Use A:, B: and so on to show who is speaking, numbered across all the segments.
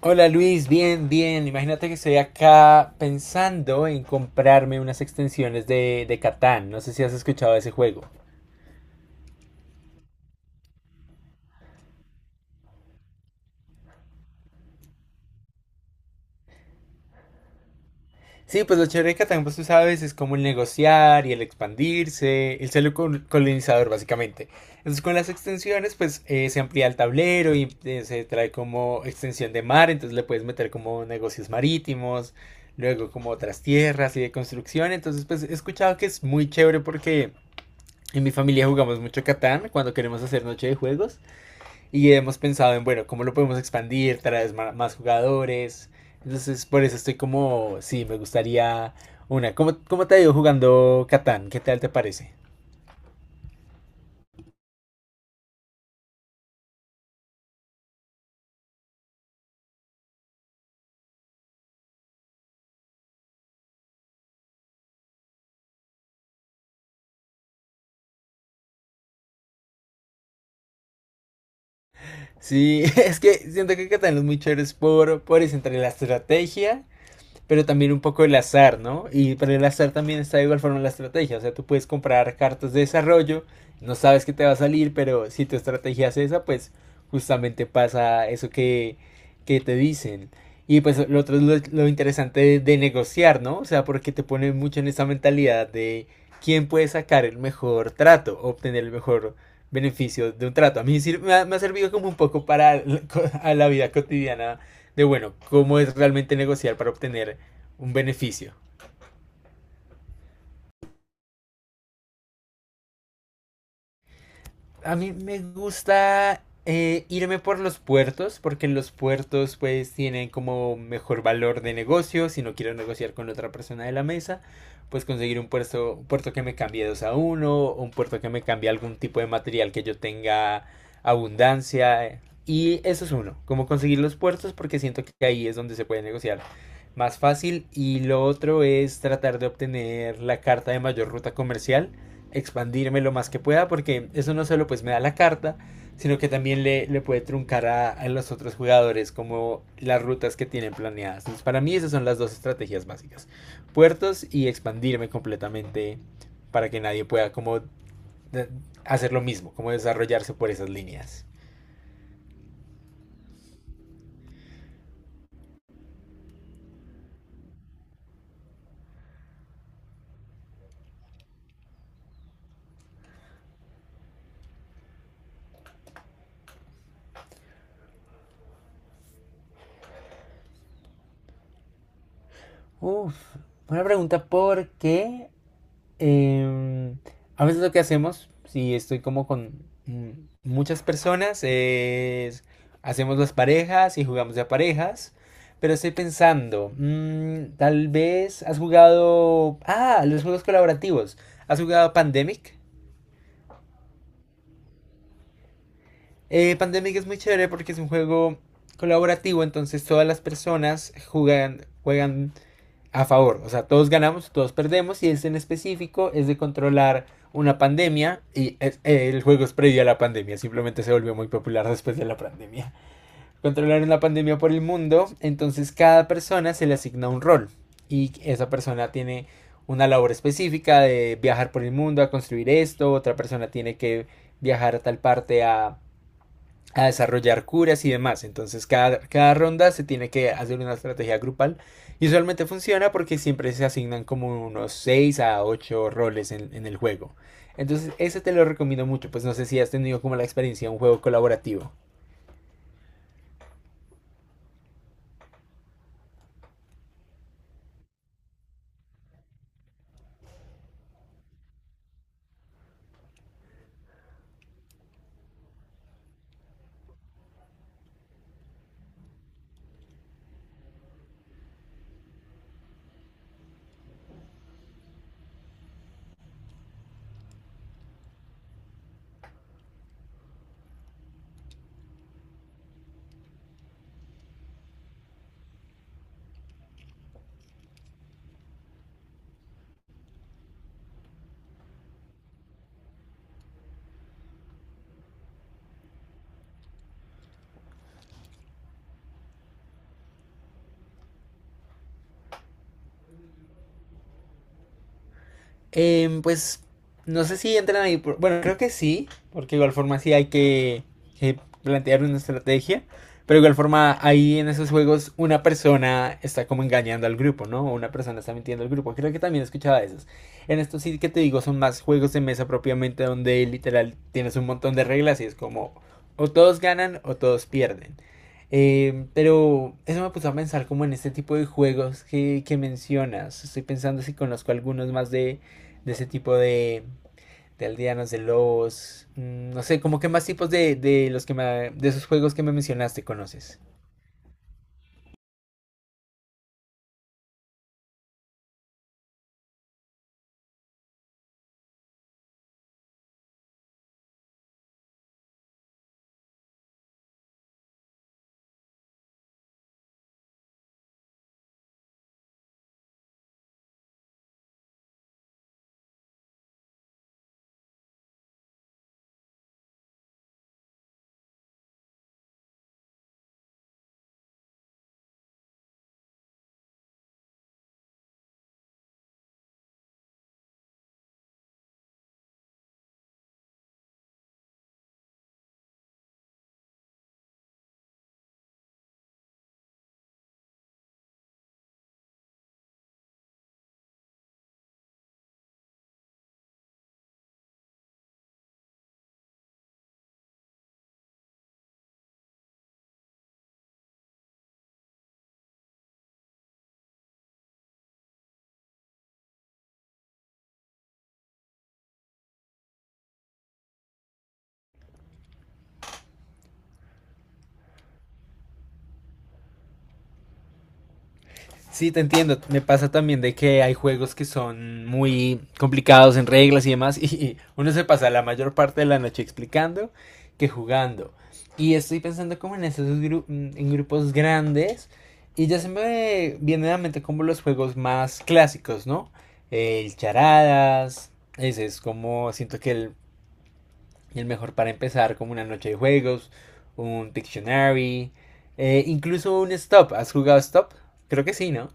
A: Hola Luis, bien, bien. Imagínate que estoy acá pensando en comprarme unas extensiones de Catán. No sé si has escuchado de ese juego. Sí, pues lo chévere de Catán, pues tú sabes, es como el negociar y el expandirse, el ser colonizador básicamente. Entonces con las extensiones, pues se amplía el tablero y se trae como extensión de mar, entonces le puedes meter como negocios marítimos, luego como otras tierras y de construcción. Entonces, pues he escuchado que es muy chévere porque... En mi familia jugamos mucho Catán cuando queremos hacer noche de juegos y hemos pensado en, bueno, cómo lo podemos expandir, traer más jugadores. Entonces, por eso estoy como, sí, me gustaría una. ¿Cómo te ha ido jugando Catán? ¿Qué tal te parece? Sí, es que siento que Catán es muy chévere por eso, entre la estrategia pero también un poco el azar, ¿no? Y para el azar también está de igual forma la estrategia, o sea, tú puedes comprar cartas de desarrollo, no sabes qué te va a salir, pero si tu estrategia es esa, pues justamente pasa eso que te dicen. Y pues lo otro es lo interesante de negociar, ¿no? O sea, porque te pone mucho en esa mentalidad de quién puede sacar el mejor trato, obtener el mejor beneficio de un trato. A mí me ha servido como un poco para la, a la vida cotidiana de, bueno, cómo es realmente negociar para obtener un beneficio. A mí me gusta irme por los puertos, porque en los puertos pues tienen como mejor valor de negocio. Si no quiero negociar con otra persona de la mesa, pues conseguir un puerto que me cambie dos a uno, o un puerto que me cambie algún tipo de material que yo tenga abundancia. Y eso es uno, como conseguir los puertos, porque siento que ahí es donde se puede negociar más fácil. Y lo otro es tratar de obtener la carta de mayor ruta comercial, expandirme lo más que pueda porque eso no solo pues me da la carta, sino que también le puede truncar a los otros jugadores como las rutas que tienen planeadas. Entonces, para mí esas son las dos estrategias básicas. Puertos y expandirme completamente para que nadie pueda como hacer lo mismo, como desarrollarse por esas líneas. Uf, una pregunta, ¿por qué Em, a veces lo que hacemos, si estoy como con muchas personas, es hacemos las parejas y jugamos de a parejas? Pero estoy pensando, tal vez has jugado... Ah, los juegos colaborativos. ¿Has jugado Pandemic? Pandemic es muy chévere porque es un juego colaborativo, entonces todas las personas juegan, juegan a favor. O sea, todos ganamos, todos perdemos. Y este en específico es de controlar una pandemia. Y el juego es previo a la pandemia. Simplemente se volvió muy popular después de la pandemia. Controlar una pandemia por el mundo. Entonces cada persona se le asigna un rol. Y esa persona tiene una labor específica de viajar por el mundo a construir esto. Otra persona tiene que viajar a tal parte a desarrollar curas y demás. Entonces cada ronda se tiene que hacer una estrategia grupal y usualmente funciona porque siempre se asignan como unos 6 a 8 roles en el juego. Entonces ese te lo recomiendo mucho, pues no sé si has tenido como la experiencia de un juego colaborativo. Pues no sé si entran ahí. Bueno, creo que sí, porque de igual forma sí hay que plantear una estrategia. Pero de igual forma, ahí en esos juegos, una persona está como engañando al grupo, ¿no? O una persona está mintiendo al grupo. Creo que también escuchaba esos. En estos sí que te digo, son más juegos de mesa propiamente, donde literal tienes un montón de reglas y es como o todos ganan o todos pierden. Pero eso me puso a pensar como en este tipo de juegos que mencionas. Estoy pensando si conozco algunos más de ese tipo de aldeanos, de lobos, no sé, como que más tipos de los que de esos juegos que me mencionaste conoces. Sí, te entiendo. Me pasa también de que hay juegos que son muy complicados en reglas y demás, y uno se pasa la mayor parte de la noche explicando que jugando. Y estoy pensando como en esos en grupos grandes. Y ya se me viene a la mente como los juegos más clásicos, ¿no? El charadas, ese es como siento que el mejor para empezar como una noche de juegos, un Pictionary, incluso un Stop. ¿Has jugado Stop? Creo que sí, ¿no?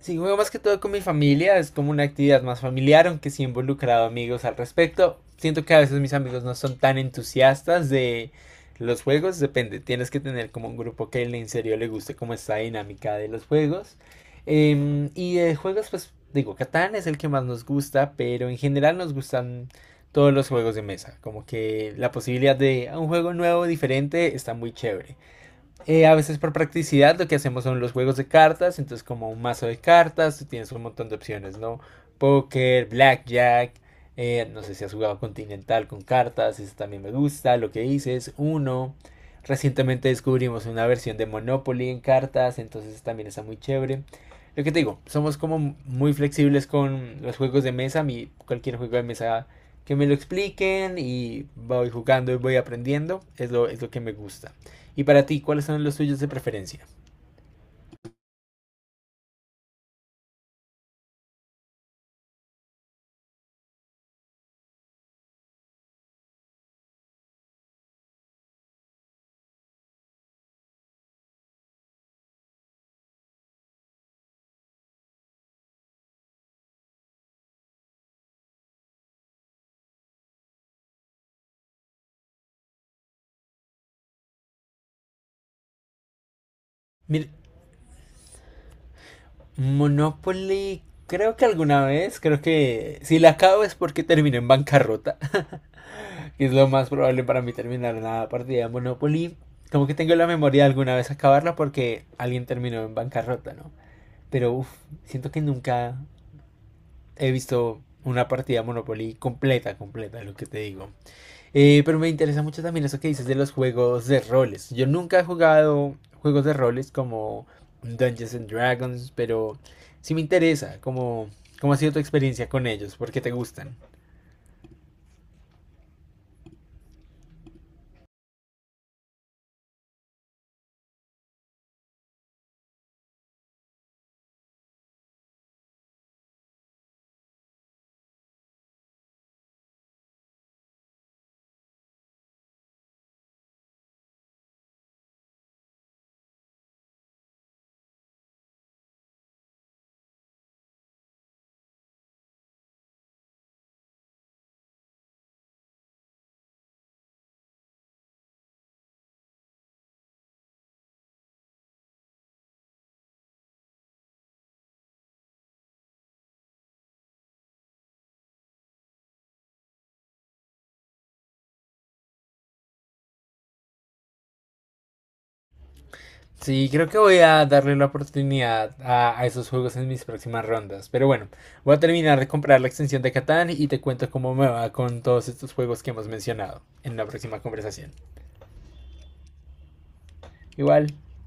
A: Sí, juego más que todo con mi familia, es como una actividad más familiar, aunque sí he involucrado amigos al respecto. Siento que a veces mis amigos no son tan entusiastas de los juegos, depende, tienes que tener como un grupo que en serio le guste como esta dinámica de los juegos. Y de juegos, pues digo, Catán es el que más nos gusta, pero en general nos gustan todos los juegos de mesa, como que la posibilidad de un juego nuevo, diferente, está muy chévere. A veces por practicidad lo que hacemos son los juegos de cartas, entonces como un mazo de cartas, tú tienes un montón de opciones, ¿no? Póker, blackjack, no sé si has jugado continental con cartas, eso también me gusta, lo que hice es uno. Recientemente descubrimos una versión de Monopoly en cartas, entonces también está muy chévere. Lo que te digo, somos como muy flexibles con los juegos de mesa, mi, cualquier juego de mesa que me lo expliquen y voy jugando y voy aprendiendo, es lo que me gusta. Y para ti, ¿cuáles son los tuyos de preferencia? Mira, Monopoly, creo que alguna vez, creo que si la acabo es porque terminé en bancarrota, que es lo más probable para mí terminar una partida de Monopoly. Como que tengo la memoria de alguna vez acabarla porque alguien terminó en bancarrota, ¿no? Pero uf, siento que nunca he visto una partida de Monopoly completa, completa, lo que te digo. Pero me interesa mucho también eso que dices de los juegos de roles. Yo nunca he jugado juegos de roles como Dungeons and Dragons, pero sí me interesa cómo ha sido tu experiencia con ellos, por qué te gustan. Sí, creo que voy a darle la oportunidad a esos juegos en mis próximas rondas. Pero bueno, voy a terminar de comprar la extensión de Catán y te cuento cómo me va con todos estos juegos que hemos mencionado en la próxima conversación. Igual,